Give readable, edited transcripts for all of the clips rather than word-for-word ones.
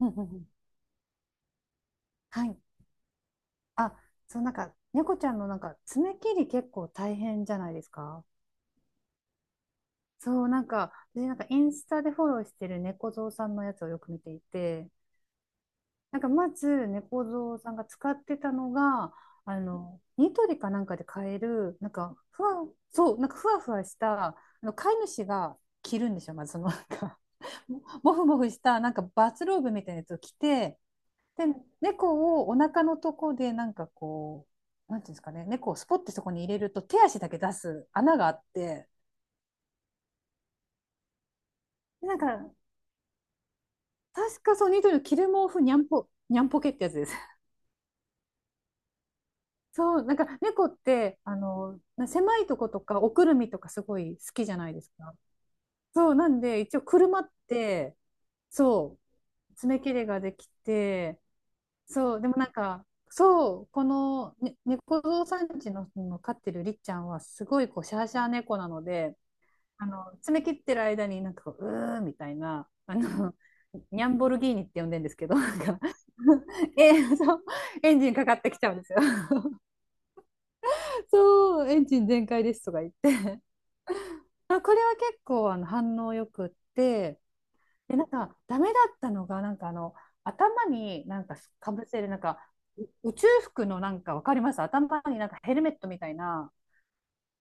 うんうんうん。はい。あ、そう、猫ちゃんの爪切り結構大変じゃないですか。そう、なんか、私なんかインスタでフォローしてる猫蔵さんのやつをよく見ていて、なんかまず猫蔵さんが使ってたのが、ニトリかなんかで買える、そう、なんかふわふわした、飼い主が着るんですよ。まずその、なんか、ももふもふした、なんかバスローブみたいなやつを着て、で、猫をお腹のとこで、なんていうんですかね、猫をスポッてそこに入れると、手足だけ出す穴があって、で確かそう、ニトリのキルモーフニャンポ、ニャンポケってやつです。そう、なんか猫って、狭いとことか、おくるみとかすごい好きじゃないですか。そう、なんで、一応車って、そう、爪切れができて、そう、でもなんか、そう、この、ね、猫蔵さんちの飼ってるりっちゃんは、すごいこうシャーシャー猫なので、詰め切ってる間になんかこう、うーみたいな、あの、ニャンボルギーニって呼んでるんですけど、なんか そう、エンジンかかってきちゃうんですよ。そう、エンジン全開ですとか言って。まあ、これは結構反応よくって、で、なんか、ダメだったのが、なんか頭になんかかぶせる、なんか、宇宙服の、なんかわかります、頭になんかヘルメットみたいな、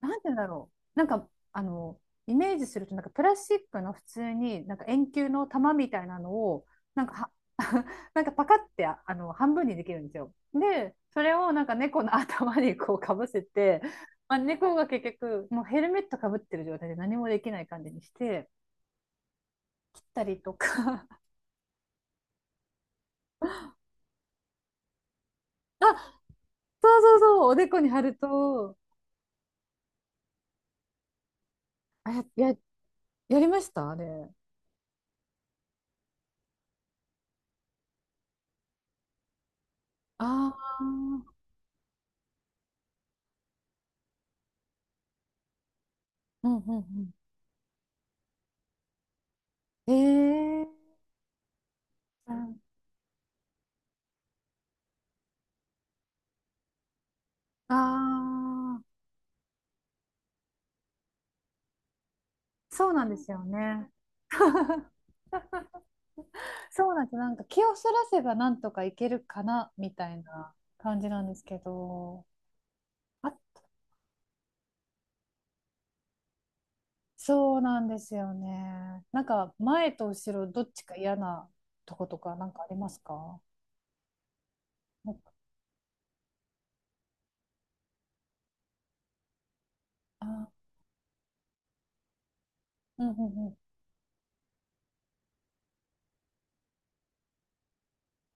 なんでだろう。なんか、あの、イメージすると、なんかプラスチックの普通に、なんか円球の玉みたいなのを、なんかは、なんかパカってあの半分にできるんですよ。で、それをなんか猫の頭にこうかぶせて、まあ、猫が結局、もうヘルメットかぶってる状態で何もできない感じにして、切ったりとか。あ、そうそうそう、おでこに貼ると、あ、や、ややりましたあれ。ああ、うんうんうん。ええー、ああー。そうなんですよね。そうなんです。なんか気をそらせばなんとかいけるかなみたいな感じなんですけど、あ、そうなんですよね。なんか前と後ろどっちか嫌なとことかなんかありますか？なんかあ、うんうんうん。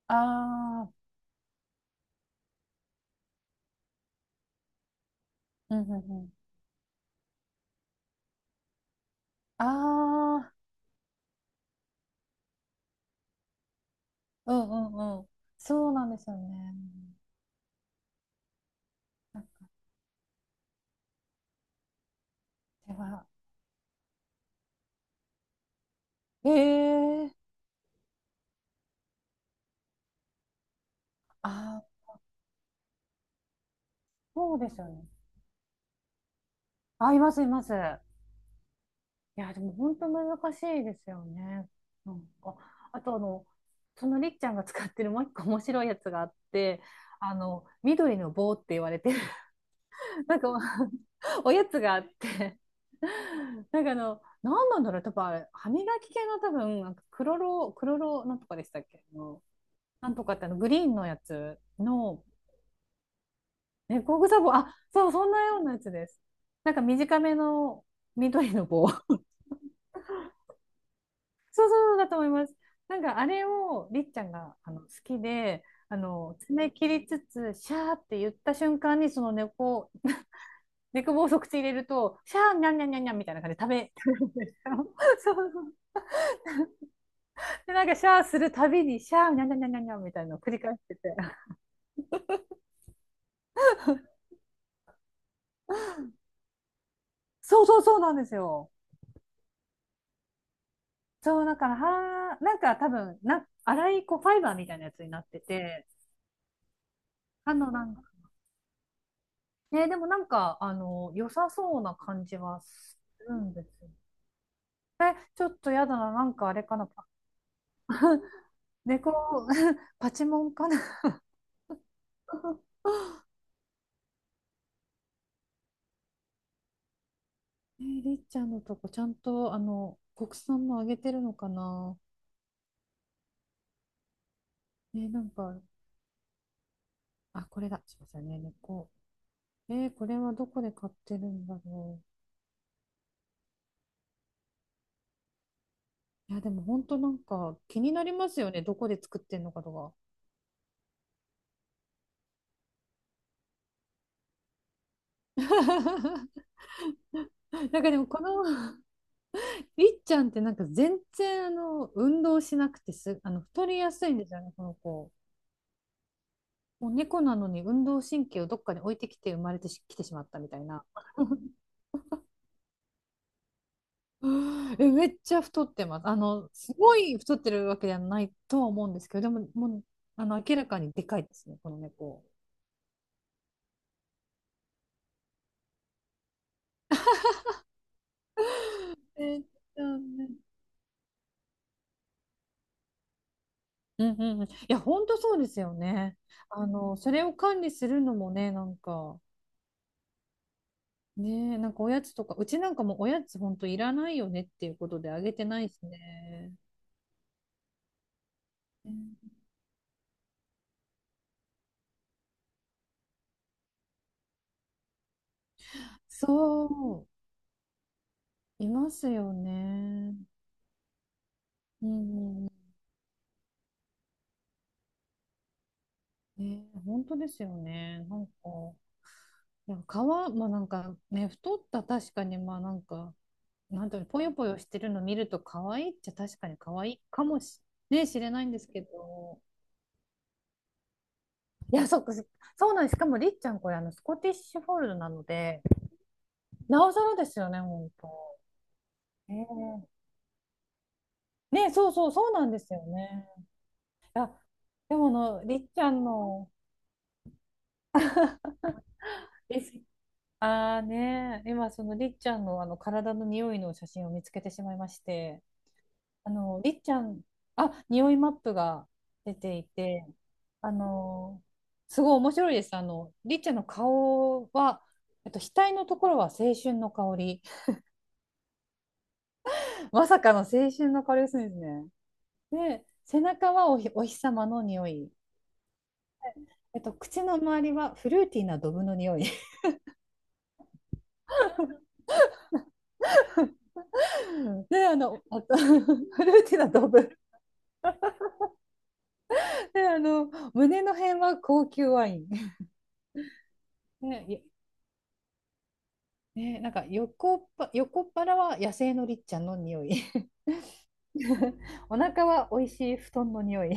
ああ、うんうんうん。ああ、うんうんうん。そうなんですよね。では、ええー、ああ、そうですよね。あ、いますいます。いや、でも本当難しいですよね。なんか、あとそのりっちゃんが使ってるもう一個面白いやつがあって、緑の棒って言われてる、なんかおやつがあって、なんか何なんだろう、多分あれ、歯磨き系の多分、クロロなんとかでしたっけ、あのなんとかってあの、グリーンのやつの、ね、工具サボ、あ、そう、そんなようなやつです。なんか短めの緑の棒、そうそうだと思います。なんかあれをりっちゃんが好きで、あの爪切りつつ、シャーって言った瞬間に、猫棒を即口入れると、シャー、にゃんにゃんにゃんニャンみたいな感じで食べ るんですよ。そうそう。で、なんかシャーするたびに、シャー、にゃんにゃんにゃんにゃんみたいなのを繰り返してて、そうそうそうなんですよ。そう、だから、はー、なんか多分粗いこうファイバーみたいなやつになってて、あの、なんか、ね、でもなんか、良さそうな感じはするんですよね。ちょっとやだな、なんかあれかな。猫、パチモンかな。えー、りっちゃんのとこ、ちゃんと、国産もあげてるのかな。えーなんか、あ、これだ。すいませんね、猫。えー、これはどこで買ってるんだろう。いや、でも本当なんか気になりますよね。どこで作ってんのかとか。なんかでもこの りっちゃんってなんか全然運動しなくてす、あの太りやすいんですよね、この子。もう猫なのに運動神経をどっかに置いてきて生まれてしきてしまったみたいな。え、めっちゃ太ってます。すごい太ってるわけではないとは思うんですけど、でも、もう、明らかにでかいですね、この猫。えー、うんうんうんうん、いや、本当そうですよね。それを管理するのもね、なんか、ねえ、なんかおやつとか、うちなんかもおやつほんといらないよねっていうことであげてないしね。そう、いますよね。うんうんうん。ね、本当ですよね。なんか、いや、皮、まあなんかね、太った確かに、まあなんか、なんだろう、ぽよぽよしてるの見ると可愛いっちゃ確かに可愛いかもし、ね、知れないんですけど。いや、そっか、そうなんです。しかもりっちゃんこれスコティッシュフォールドなので、なおさらですよね、本当。ええ、ね、そうそう、そうなんですよね。いや、でもりっちゃんの、ああね、今そのりっちゃんのあの体の匂いの写真を見つけてしまいまして、あのりっちゃん、あ、匂いマップが出ていて、あの、すごい面白いです。あのりっちゃんの顔は、えっと、額のところは青春の香り、まさかの青春の香りがするんですね。で、背中はおひ、お日様の匂い、えっと、口の周りはフルーティーなドブの匂い。で、あと フルーティーなドブ。で、胸の辺は高級ワイン。ね、いね、なんか横っ腹は野生のりっちゃんの匂い お腹は美味しい布団の匂い。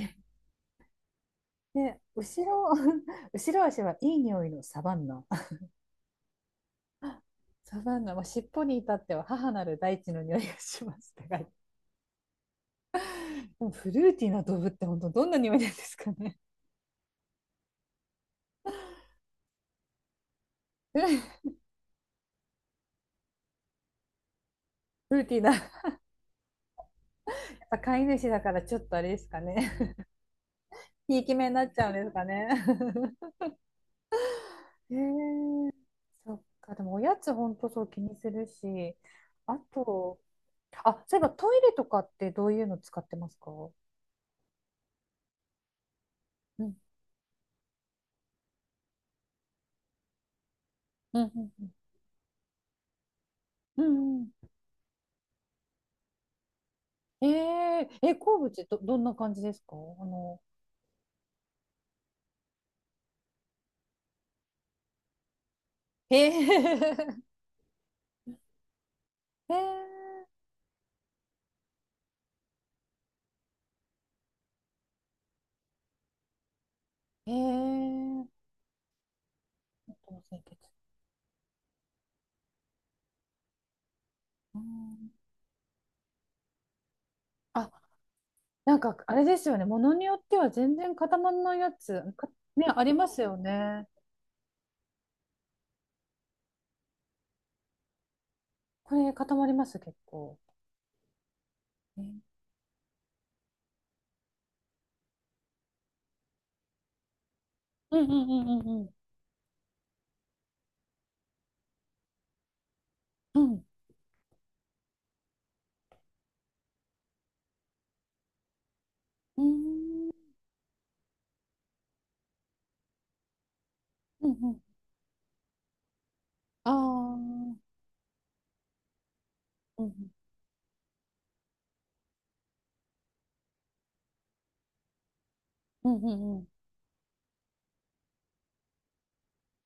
で、後ろ、後ろ足はいい匂いのサバンナ。サバンナ、まあ、尻尾に至っては母なる大地の匂いがしますって書いて、フルーティーな動物って本当どんな匂いなんですかね。 フルーティーな。飼い主だからちょっとあれですかね。ひいき目になっちゃうんですかね。へー、そっか、でもおやつほんとそう気にするし、あと、あ、そういえばトイレとかってどういうの使ってますか、うん、うん、うん、うん。うん、えー、え、鉱物どんな感じですか、の、へえ、へえ、へえ、あとの清潔。うん、あ、なんかあれですよね、ものによっては全然固まらないやつ、か、ね、ありますよね。これ固まります、結構。ね、うんうんうんうんうん。うん。うーん、うんうん。ああ、うんうん。うんうんうん。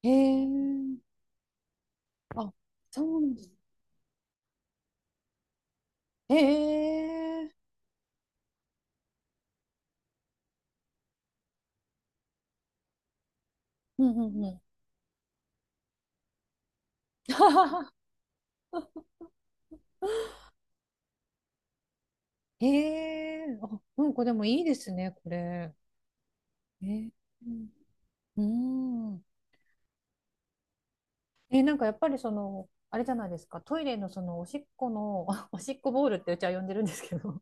へえ。あ、そうなんです。へえ。うんうんうん。へえ。あ、うんこでもいいですね、これ。えー、うん。うん、え、なんかやっぱりその、あれじゃないですか、トイレのそのおしっこの、おしっこボールってうちは呼んでるんですけど、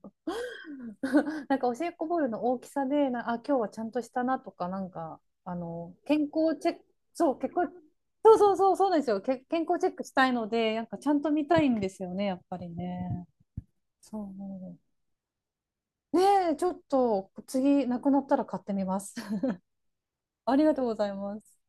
なんかおしっこボールの大きさでなあ、今日はちゃんとしたなとか、なんかあの健康チェック、そう結構、そうそうそうそうなんですよ、け健康チェックしたいのでなんかちゃんと見たいんですよね、やっぱりね。そうね、え、ちょっと次なくなったら買ってみます。 ありがとうございます。